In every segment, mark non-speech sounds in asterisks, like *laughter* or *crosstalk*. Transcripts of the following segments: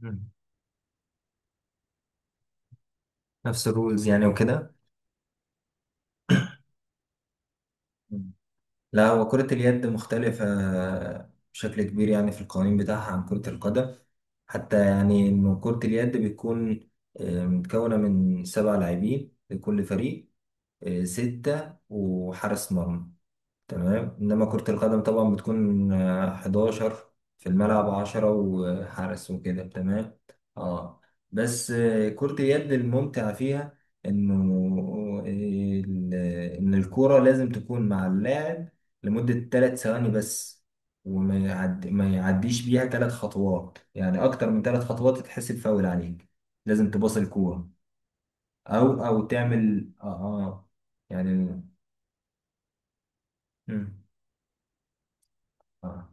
مم. نفس الرولز يعني وكده. مم. لا، هو كرة اليد مختلفة بشكل كبير يعني في القوانين بتاعها عن كرة القدم، حتى يعني إنه كرة اليد بتكون متكونة من 7 لاعبين لكل فريق، ستة وحارس مرمى. تمام. انما كرة القدم طبعا بتكون 11 في الملعب، 10 وحارس وكده. تمام. اه. بس كرة اليد الممتع فيها انه آه، ال- ان الكرة لازم تكون مع اللاعب لمدة 3 ثواني بس، ما يعديش بيها 3 خطوات، يعني اكتر من 3 خطوات تتحسب فاول عليك. لازم تباص الكورة، او تعمل يعني. مم. آه.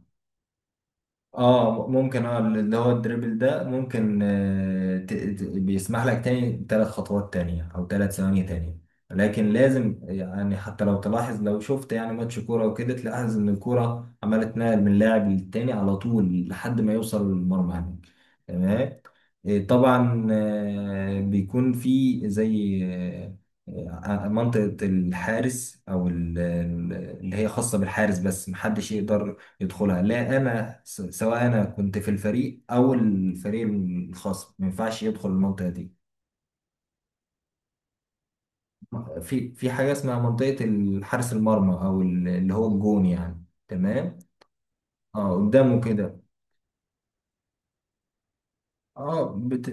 اه ممكن. اه اللي هو الدريبل ده ممكن بيسمح لك تاني 3 خطوات تانية او 3 ثواني تانية. لكن لازم، يعني حتى لو تلاحظ، لو شفت يعني ماتش كورة وكده، تلاحظ ان الكورة عمالة تنقل من لاعب للتاني على طول لحد ما يوصل للمرمى هناك. تمام. طبعا بيكون في زي منطقة الحارس، او اللي هي خاصة بالحارس، بس محدش يقدر يدخلها. لا، انا سواء انا كنت في الفريق او الفريق الخصم، ما ينفعش يدخل المنطقه دي. في حاجه اسمها منطقه حارس المرمى، او اللي هو الجون يعني. تمام. اه قدامه كده. اه بت...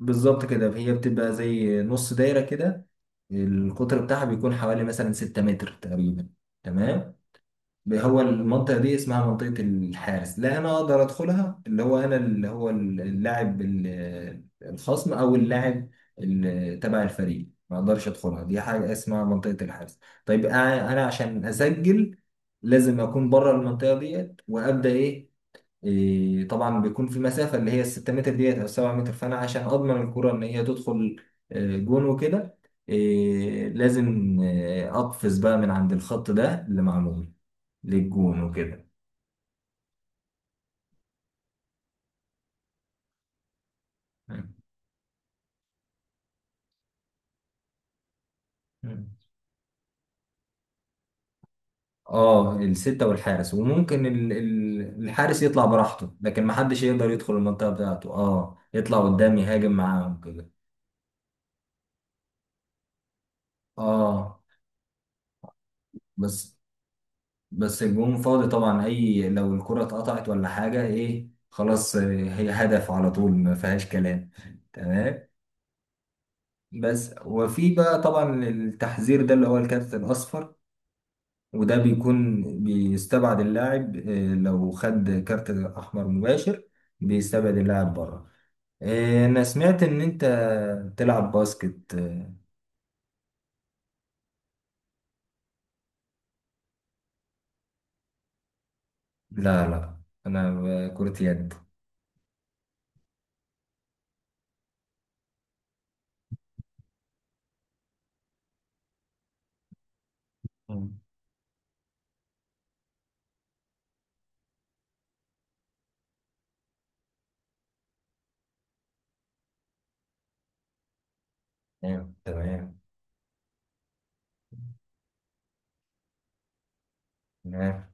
بالظبط كده. هي بتبقى زي نص دايره كده، القطر بتاعها بيكون حوالي مثلا 6 متر تقريبا. تمام. هو المنطقة دي اسمها منطقة الحارس. لا أنا أقدر أدخلها، اللي هو أنا، اللي هو اللاعب الخصم أو اللاعب تبع الفريق، ما أقدرش أدخلها. دي حاجة اسمها منطقة الحارس. طيب أنا عشان أسجل لازم أكون بره المنطقة ديت وأبدأ إيه. طبعا بيكون في المسافه اللي هي ال 6 متر ديت او 7 متر، فانا عشان اضمن الكره ان هي تدخل جون وكده، لازم اقفز بقى من عند الخط ده اللي معمول للجون وكده. مم. اه، الستة والحارس، وممكن الحارس يطلع براحته، لكن محدش يقدر يدخل المنطقة بتاعته. اه، يطلع قدام يهاجم معاهم كده. اه، بس بس الجون فاضي طبعا. اي لو الكرة اتقطعت ولا حاجة، ايه، خلاص هي هدف على طول، ما فيهاش كلام. تمام. بس وفي بقى طبعا التحذير ده اللي هو الكارت الاصفر، وده بيكون بيستبعد اللاعب. لو خد كارت احمر مباشر، بيستبعد اللاعب بره. انا سمعت ان انت بتلعب باسكت لا لا، انا كرة يد. مم. تمام، تمام، تمام.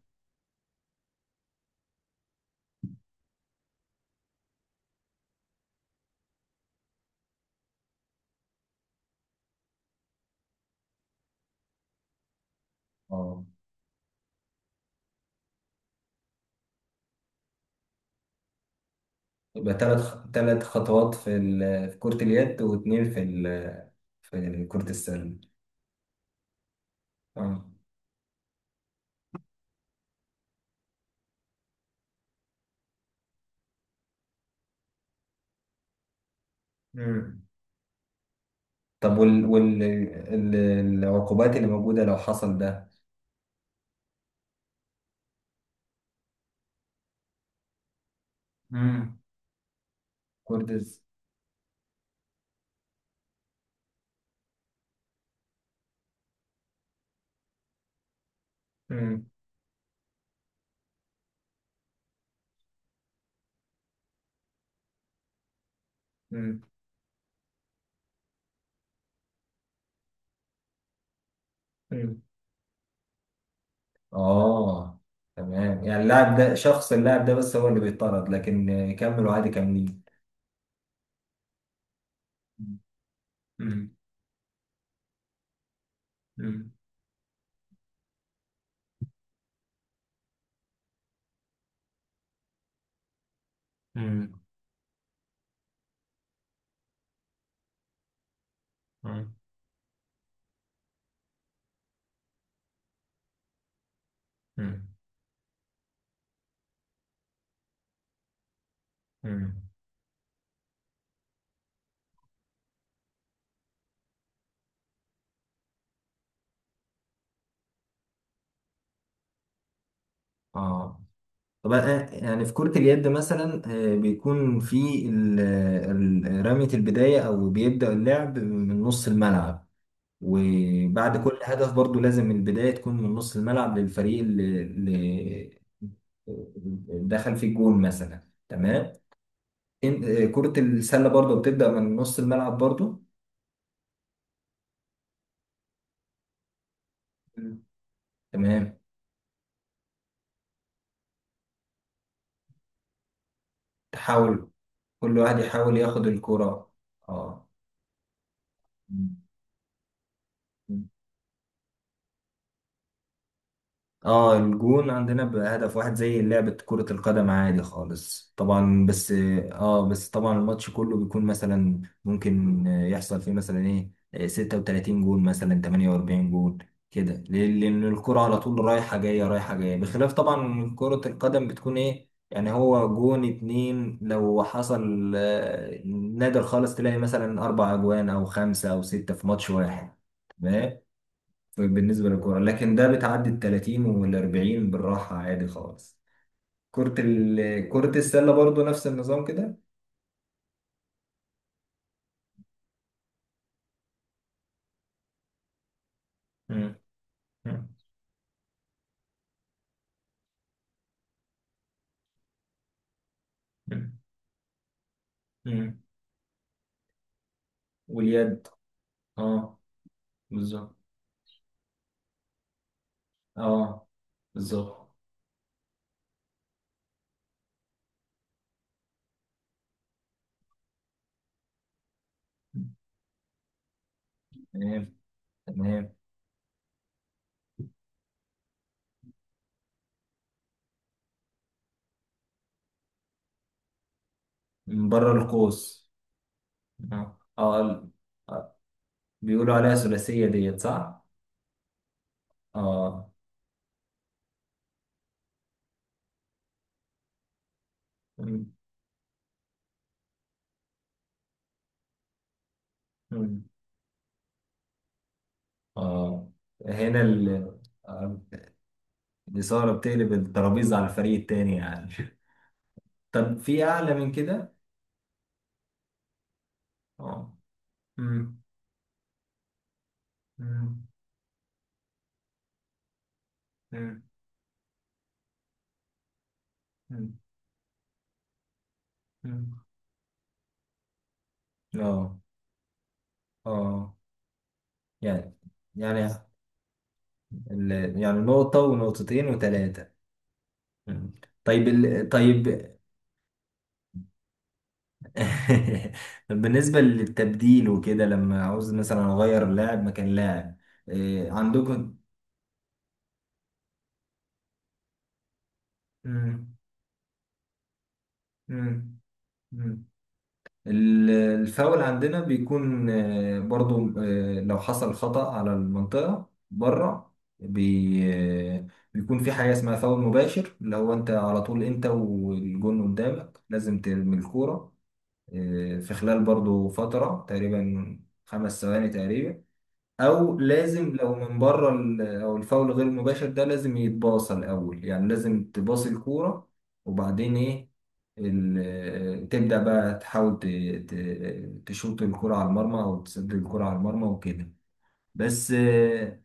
اه، يبقى ثلاث خطوات في في كرة اليد، واثنين في في كرة السلة. اه. امم طب العقوبات اللي موجودة لو حصل ده. امم كرة الس- امم امم امم اه، تمام، يعني اللاعب ده شخص، اللاعب ده بس هو اللي بيطرد لكن يكملوا عادي كاملين. امم امم امم امم امم اه. طب يعني في كرة اليد مثلا بيكون في رمية البداية، أو بيبدأ اللعب من نص الملعب، وبعد كل هدف برضو لازم البداية تكون من نص الملعب للفريق اللي دخل في الجون مثلا. تمام. كرة السلة برضو بتبدأ من نص الملعب برضو. مم. تمام. تحاول كل واحد يحاول ياخد الكرة. اه. مم. اه، الجون عندنا بهدف واحد زي لعبة كرة القدم عادي خالص طبعا. بس طبعا الماتش كله بيكون، مثلا ممكن يحصل فيه مثلا ايه 36 جون، مثلا 48 جون. كده ليه؟ لأن الكرة على طول رايحة جاية رايحة جاية، بخلاف طبعا كرة القدم بتكون ايه يعني، هو جون اتنين لو حصل نادر خالص تلاقي مثلا أربع أجوان أو خمسة أو ستة في ماتش واحد بالنسبة للكورة، لكن ده بتعدي ال 30 وال 40 بالراحة عادي خالص. كرة كرة السلة برضو نفس النظام كده. مم. مم. مم. مم. واليد. اه بالظبط. اه بالظبط. تمام، تمام. من بره القوس. اه، اه، آه، بيقولوا عليها ثلاثية ديت، صح؟ اه. مم. مم. اه، هنا آه، الإثارة بتقلب الترابيزة على الفريق التاني يعني. *laughs* طب في أعلى من كده؟ اه. مم. مم. مم. مم. مم. اه، اه. يعني يعني ال... يعني نقطة ونقطتين وثلاثة. طيب طيب. *laughs* بالنسبة للتبديل وكده لما عاوز مثلا أغير لاعب مكان لاعب، إيه عندكم؟ مم. مم. ال- الفاول عندنا بيكون برضو لو حصل خطأ على المنطقة بره، بي آه، بيكون في حاجة اسمها فاول مباشر، اللي هو انت على طول، انت والجون قدامك لازم ترمي الكورة في خلال برضو فترة تقريبا 5 ثواني تقريبا. او لازم لو من بره او الفاول غير مباشر ده، لازم يتباصى الاول، يعني لازم تباصي الكوره، وبعدين ايه تبدا بقى تحاول تشوط الكوره على المرمى او تسدد الكوره على المرمى وكده. بس. اه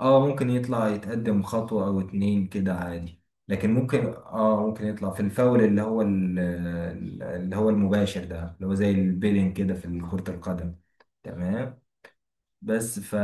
آه، ممكن يطلع يتقدم خطوه او اتنين كده عادي، لكن ممكن يطلع في الفاول اللي هو اللي هو المباشر ده، اللي هو زي البيلين كده في كرة القدم. تمام. بس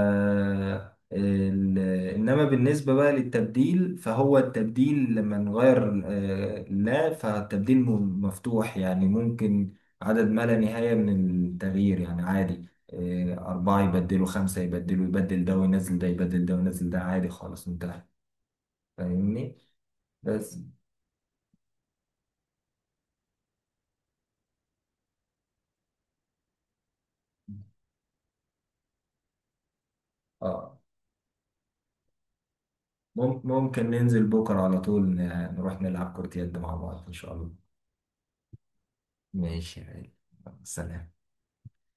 ال... انما بالنسبه بقى للتبديل، فهو التبديل لما نغير لا، فالتبديل مفتوح يعني، ممكن عدد ما لا نهايه من التغيير يعني، عادي أربعة يبدلوا، خمسة يبدلوا، يبدل ده وينزل ده، يبدل ده وينزل ده، عادي خالص انتهى. فاهمني؟ بس اه ممكن ننزل بكرة على طول، نروح نلعب كرة يد مع بعض إن شاء الله. ماشي يا غالي. سلام.